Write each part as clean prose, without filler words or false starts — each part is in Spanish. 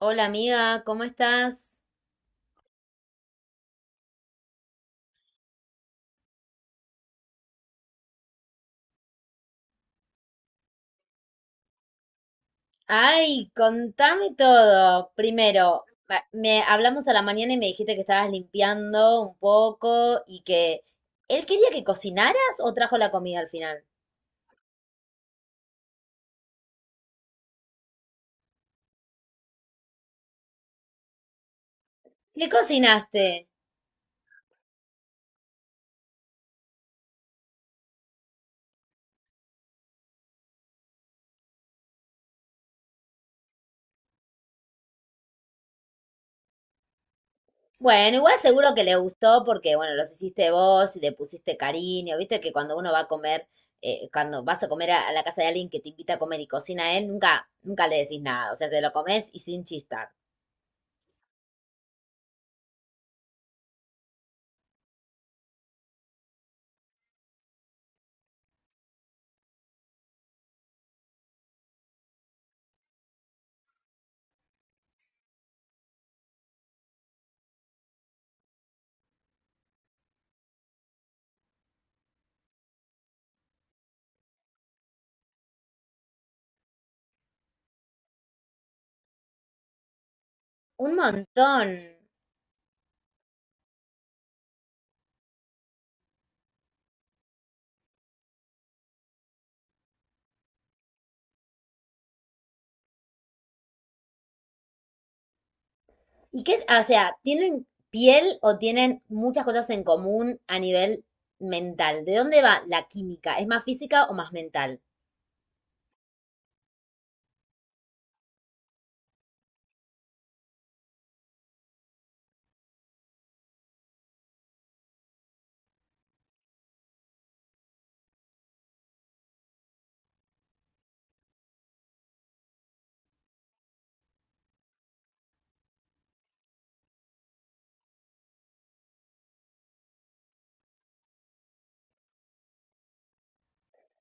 Hola amiga, ¿cómo estás? Ay, contame todo. Primero, me hablamos a la mañana y me dijiste que estabas limpiando un poco y que él quería que cocinaras o trajo la comida al final. ¿Qué cocinaste? Bueno, igual seguro que le gustó porque, bueno, los hiciste vos y le pusiste cariño. Viste que cuando uno va a comer, cuando vas a comer a la casa de alguien que te invita a comer y cocina él, nunca, nunca le decís nada. O sea, te lo comes y sin chistar. Un montón. ¿Y qué, ah, o sea, tienen piel o tienen muchas cosas en común a nivel mental? ¿De dónde va la química? ¿Es más física o más mental?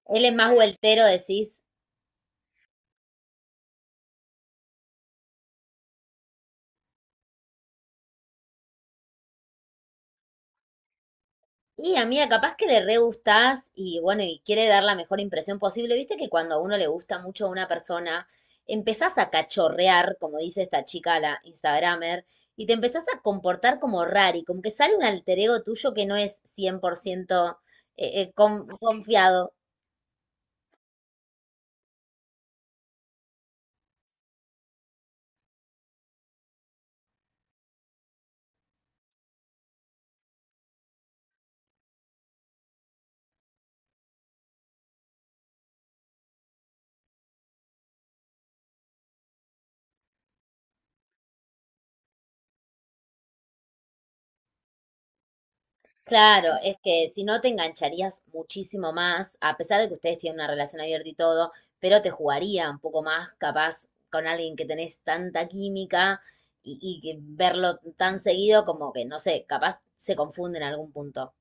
Él es más vueltero, decís. Y amiga, capaz que le re gustás y bueno, y quiere dar la mejor impresión posible. Viste que cuando a uno le gusta mucho a una persona, empezás a cachorrear, como dice esta chica, la Instagramer, y te empezás a comportar como rari, como que sale un alter ego tuyo que no es 100% confiado. Claro, es que si no te engancharías muchísimo más, a pesar de que ustedes tienen una relación abierta y todo, pero te jugaría un poco más capaz con alguien que tenés tanta química y que verlo tan seguido como que, no sé, capaz se confunde en algún punto.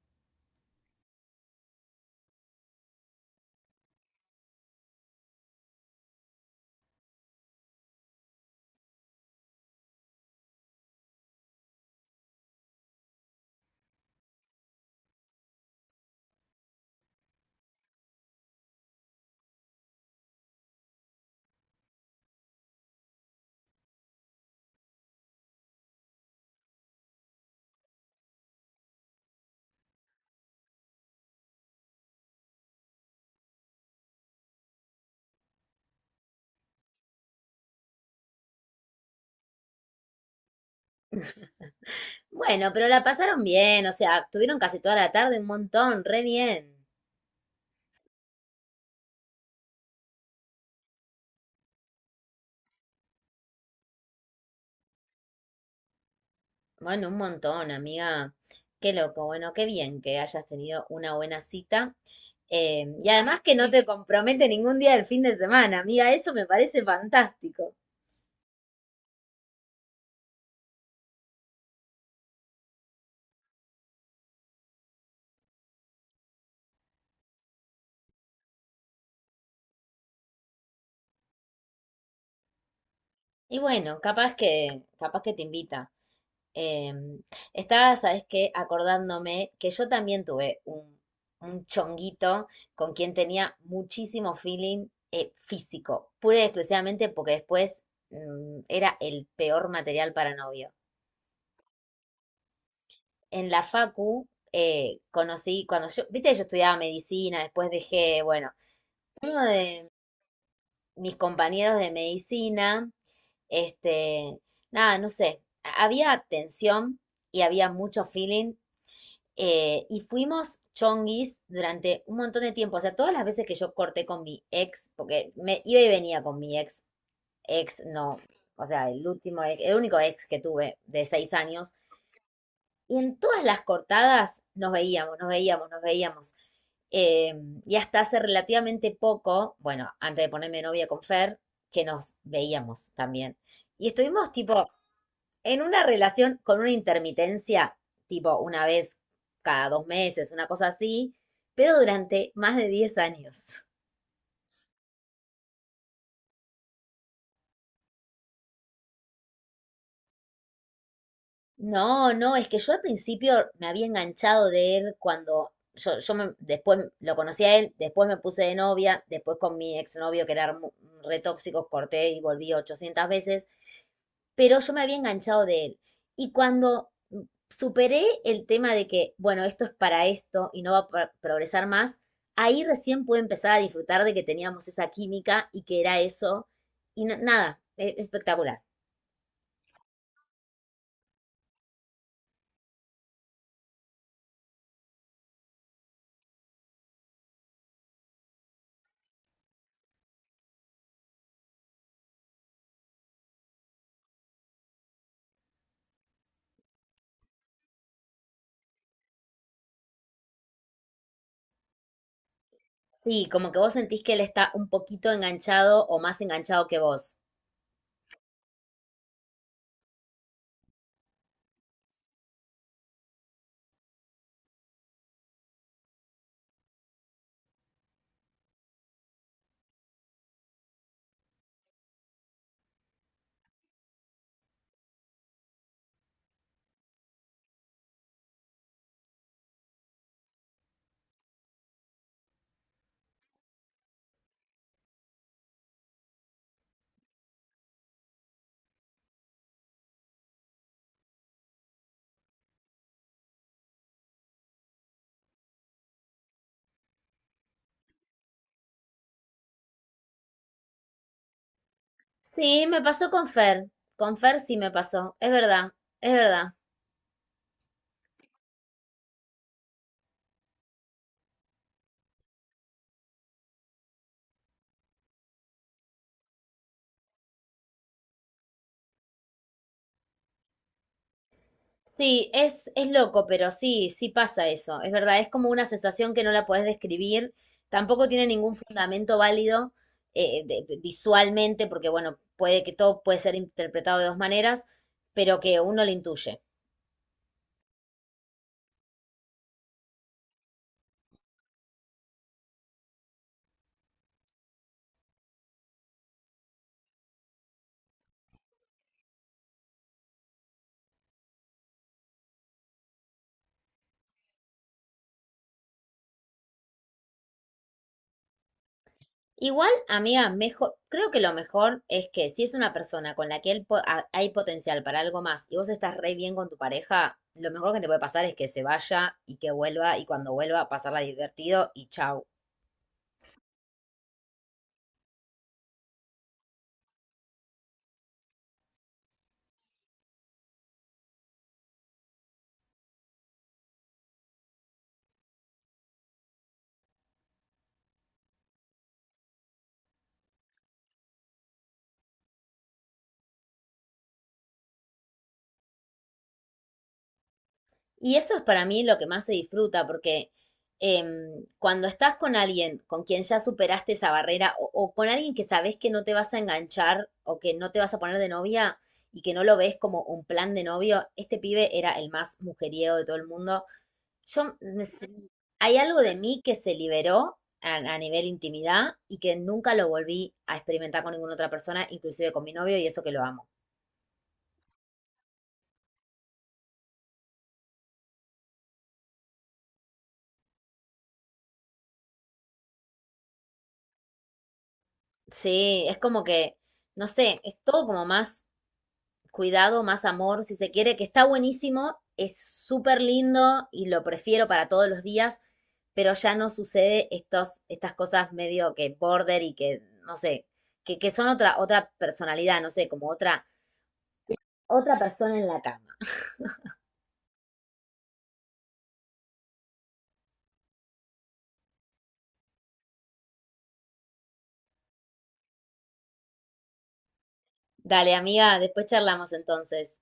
Bueno, pero la pasaron bien, o sea, tuvieron casi toda la tarde un montón, re bien. Bueno, un montón, amiga. Qué loco, bueno, qué bien que hayas tenido una buena cita. Y además que no te compromete ningún día del fin de semana, amiga, eso me parece fantástico. Y bueno, capaz que te invita. Em, Estaba, ¿sabes qué? Acordándome que yo también tuve un chonguito con quien tenía muchísimo feeling físico, pura y exclusivamente porque después era el peor material para novio. En la facu conocí, cuando yo, viste, yo estudiaba medicina, después dejé, bueno, uno de mis compañeros de medicina, este, nada, no sé, había tensión y había mucho feeling y fuimos chonguis durante un montón de tiempo, o sea, todas las veces que yo corté con mi ex, porque me iba y venía con mi ex, ex no, o sea, el último, el único ex que tuve de 6 años. Y en todas las cortadas nos veíamos, nos veíamos, nos veíamos. Eh, y hasta hace relativamente poco, bueno, antes de ponerme novia con Fer, que nos veíamos también. Y estuvimos tipo en una relación con una intermitencia, tipo una vez cada 2 meses, una cosa así, pero durante más de 10 años. No, no, es que yo al principio me había enganchado de él cuando yo después lo conocí a él, después me puse de novia, después con mi exnovio que era re tóxico, corté y volví 800 veces, pero yo me había enganchado de él. Y cuando superé el tema de que, bueno, esto es para esto y no va a progresar más, ahí recién pude empezar a disfrutar de que teníamos esa química y que era eso. Y nada, espectacular. Sí, como que vos sentís que él está un poquito enganchado o más enganchado que vos. Sí, me pasó con Fer. Con Fer sí me pasó. Es verdad, es verdad. Sí, es loco, pero sí, sí pasa eso. Es verdad, es como una sensación que no la podés describir. Tampoco tiene ningún fundamento válido visualmente, porque bueno, puede que todo puede ser interpretado de dos maneras, pero que uno lo intuye. Igual, amiga, mejor, creo que lo mejor es que si es una persona con la que él hay potencial para algo más y vos estás re bien con tu pareja, lo mejor que te puede pasar es que se vaya y que vuelva y cuando vuelva pasarla divertido y chau. Y eso es para mí lo que más se disfruta porque em, cuando estás con alguien con quien ya superaste esa barrera o con alguien que sabes que no te vas a enganchar o que no te vas a poner de novia y que no lo ves como un plan de novio, este pibe era el más mujeriego de todo el mundo. Yo, me s- Hay algo de mí que se liberó a nivel intimidad y que nunca lo volví a experimentar con ninguna otra persona, inclusive con mi novio, y eso que lo amo. Sí, es como que, no sé, es todo como más cuidado, más amor, si se quiere, que está buenísimo, es súper lindo y lo prefiero para todos los días, pero ya no sucede estas cosas medio que border y que, no sé, que son otra personalidad, no sé, como otra persona en la cama. Dale, amiga, después charlamos entonces.